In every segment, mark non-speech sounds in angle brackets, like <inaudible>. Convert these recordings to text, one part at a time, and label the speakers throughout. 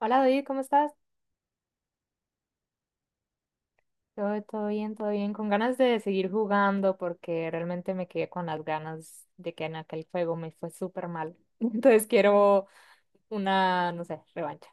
Speaker 1: Hola David, ¿cómo estás? Todo bien, todo bien. Con ganas de seguir jugando porque realmente me quedé con las ganas de que en aquel juego me fue súper mal. <laughs> Entonces quiero una, no sé, revancha.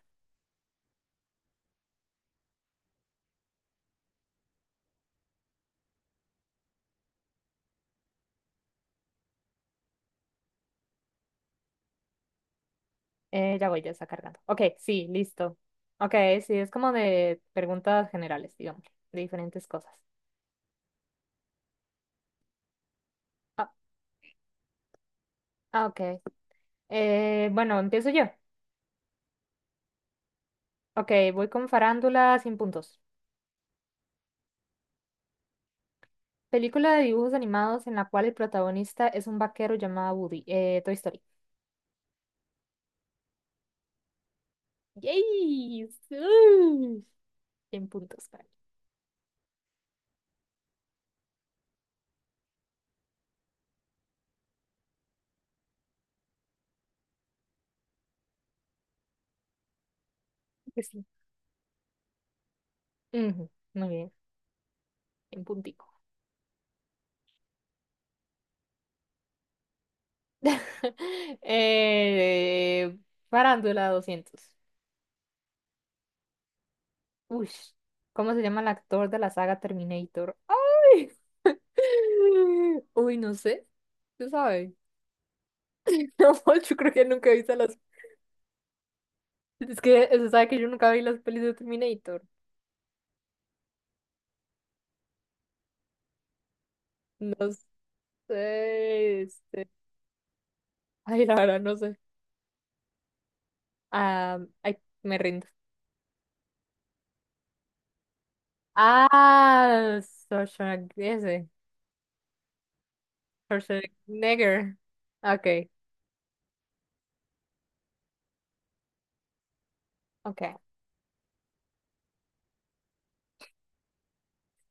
Speaker 1: Ya voy, ya está cargando. Ok, sí, listo. Ok, sí, es como de preguntas generales, digamos, de diferentes cosas. Ah, ah, ok. Bueno, empiezo yo. Ok, voy con Farándula sin puntos. Película de dibujos animados en la cual el protagonista es un vaquero llamado Woody. Toy Story. ¡Yay! ¡Uh! En puntos, vale. Pues sí. Ujú, muy bien, en puntico. <laughs> Eh, Farándula 200. Uy, ¿cómo se llama el actor de la saga Terminator? ¡Ay! <laughs> Uy, no sé. ¿Tú sabes? <laughs> No, yo creo que nunca he visto las. Es que se sabe que yo nunca vi las pelis de Terminator. No sé. este, Ay, la verdad, no sé. Ah, ay, me rindo. Ah, Schwarzenegger. Schwarzenegger. Okay, okay.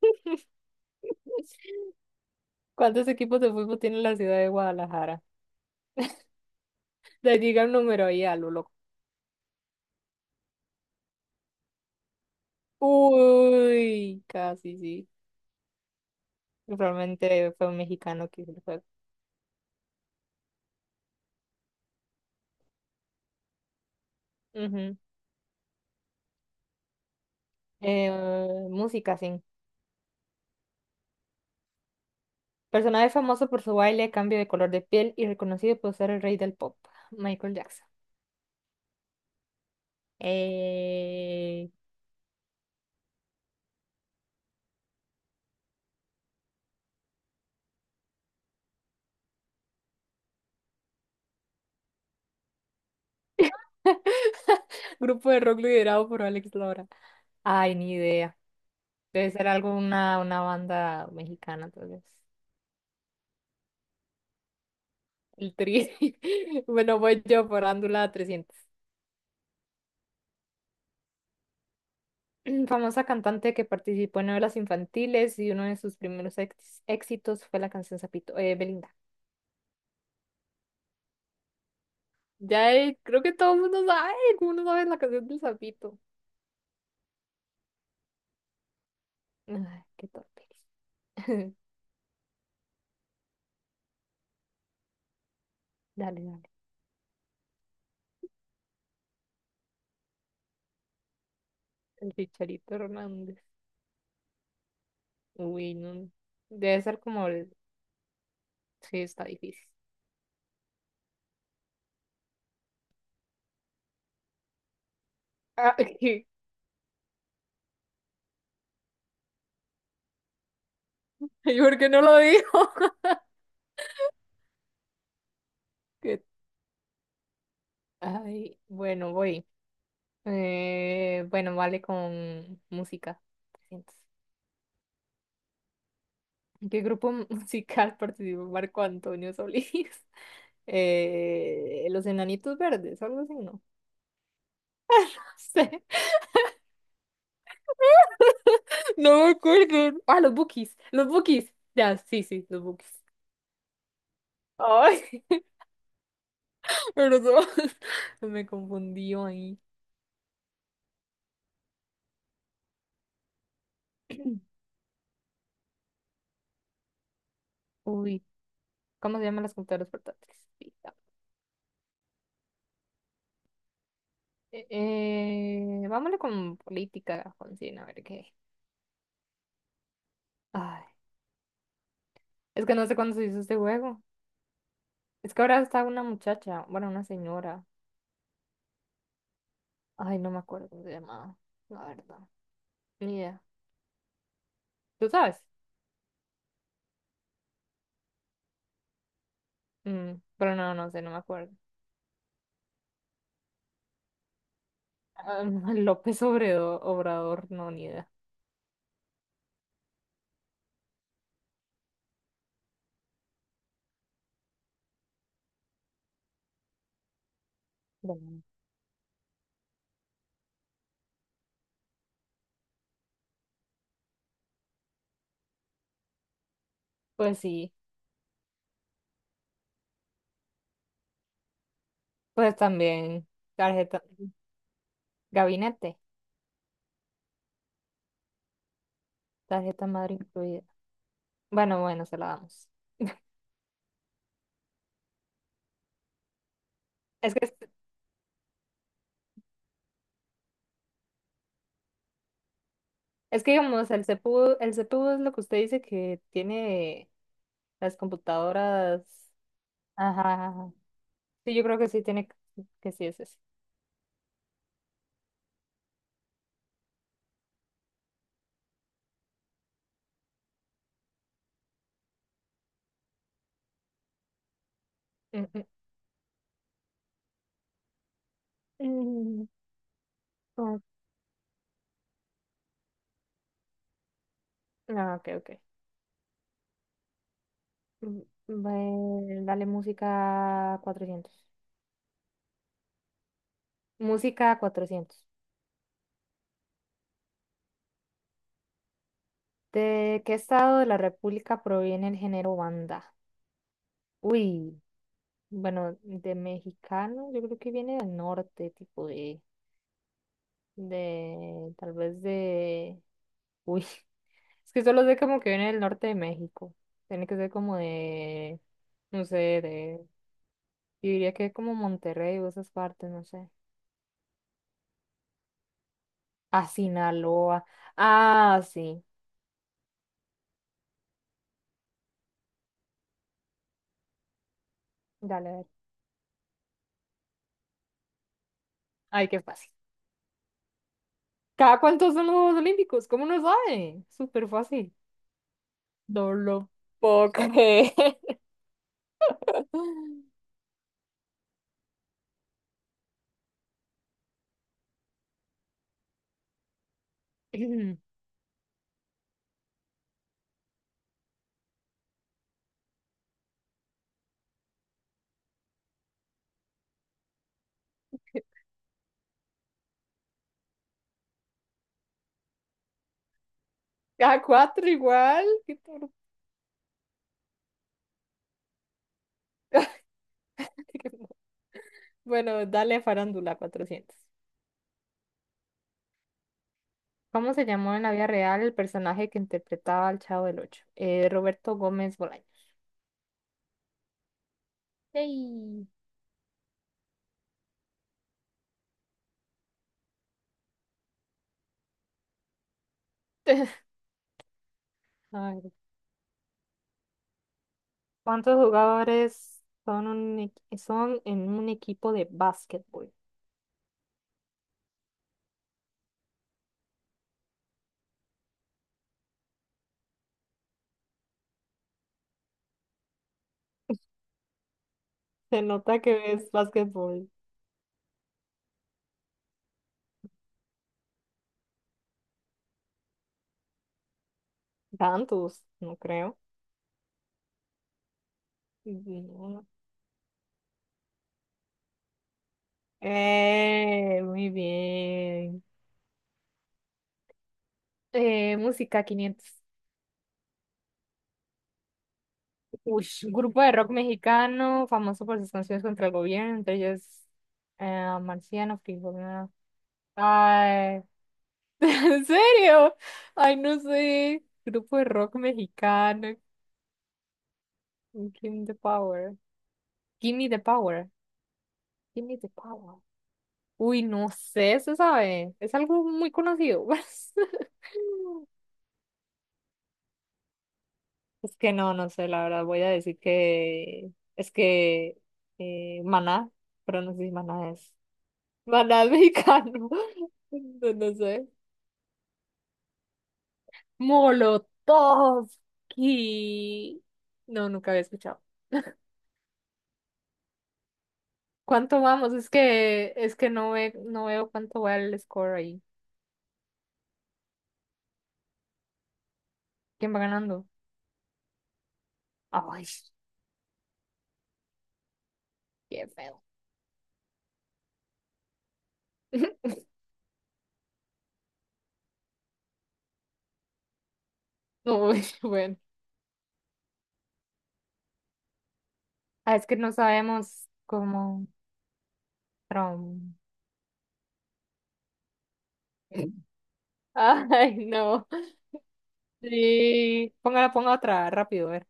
Speaker 1: <laughs> ¿Cuántos equipos de fútbol tiene la ciudad de Guadalajara? Le diga un número ahí a lo loco. Uy, casi sí. Probablemente fue un mexicano que hizo el juego. Ujú. Eh, Música, sí. Personaje famoso por su baile, cambio de color de piel y reconocido por ser el rey del pop, Michael Jackson. Eh, <laughs> Grupo de rock liderado por Alex Lora. Ay, ni idea. Debe ser alguna una banda mexicana, entonces. El Tri. <laughs> Bueno, voy yo por Ándula 300. <clears throat> Famosa cantante que participó en novelas infantiles y uno de sus primeros éxitos fue la canción Zapito, Belinda. Ya, creo que todo el mundo sabe, todo el mundo sabe la canción del Zapito. Ay, qué torpe. <laughs> Dale, dale. El Chicharito Hernández. Uy, no. Debe ser como el. Sí, está difícil. Ah, <laughs> ¿Y por qué no lo dijo? <laughs> Que- Ay, bueno, voy. Bueno, vale con música. 300. ¿En qué grupo <laughs> musical participó Marco Antonio Solís? <laughs> Los Enanitos Verdes, algo así, no. <laughs> sé, no me acuerdo. Ah, los Bookies, los Bookies. Ya, sí, sí, los Bookies. Ay, <laughs> perdón, <laughs> me confundió ahí. <clears throat> Uy, ¿cómo se llaman las computadoras portátiles? Sí, ya. Eh, Vámoone con política, Jonsina, a ver qué. Ay, es que no sé cuándo se hizo este juego. Es que ahora está una muchacha, bueno, una señora. Ay, no me acuerdo cómo se llamaba, la verdad. Ni idea. ¿Tú sabes? Pero no, no sé, no me acuerdo. Ah, <laughs> López Obrador, no, ni idea. Bueno. Pues sí, pues también tarjeta, gabinete, tarjeta madre incluida. Bueno, bueno, se la damos. Es que, es que, digamos, el CPU es lo que usted dice que tiene las computadoras. Ajá, ajá, ajá. Sí, yo creo que sí tiene que sí es ese. Mm, mm, mm, ok, ah, ok, ok. Mm, Dale música cuatrocientos. Música cuatrocientos. ¿De qué estado de la República proviene el género banda? Uy, bueno, de mexicano, yo creo que viene del norte, tipo de, tal vez de, uy, <laughs> es que solo sé como que viene del norte de México. Tiene que ser como de, no sé, de, yo diría que como Monterrey o esas partes, no sé. A Sinaloa. Ah, sí. Dale, dale. Ay, qué fácil. ¿Cada cuántos son los Juegos Olímpicos? ¿Cómo no sabe? Súper fácil. Ok. <laughs> <clears throat> Cada cuatro igual. Qué torpe. <laughs> Bueno, dale a Farándula 400. ¿Cómo se llamó en la vida real el personaje que interpretaba al Chavo del Ocho? Roberto Gómez Bolaños. Ey. <laughs> A ver, ¿cuántos jugadores son en un equipo de básquetbol? Se nota que ves básquetbol. Tantos, no creo. No. Muy bien. Música quinientos. Uy, grupo de rock mexicano, famoso por sus canciones contra el gobierno, entre ellos Marciano, Frijolero. Ay, <laughs> ¿en serio? Ay, no sé. Grupo de rock mexicano. Give me the power. Give me the power. Give me the power. Uy, no sé, se sabe. Es algo muy conocido. <laughs> Es que no, no sé, la verdad voy a decir que es que Maná, pero no sé si Maná es. Maná es mexicano, <laughs> no, no sé. Molotovsky. No, nunca había escuchado. ¿Cuánto vamos? Es que no veo cuánto va el score ahí. ¿Quién va ganando? Ay, qué feo. <laughs> Uy, bueno. Ah, es que no sabemos cómo Trump. <laughs> Ay, no. Sí, ponga otra rápido, a ver,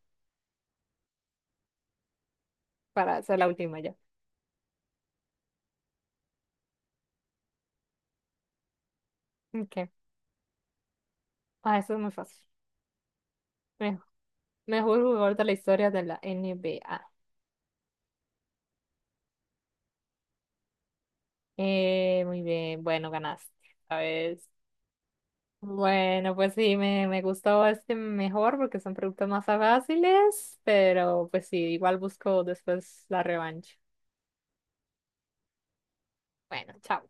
Speaker 1: para hacer la última ya. Okay. Ah, eso es muy fácil. Me- Mejor jugador de la historia de la N B A. Muy bien, bueno, ganaste. ¿Sabes? Bueno, pues sí, me gustó este mejor porque son preguntas más fáciles, pero pues sí, igual busco después la revancha. Bueno, chao.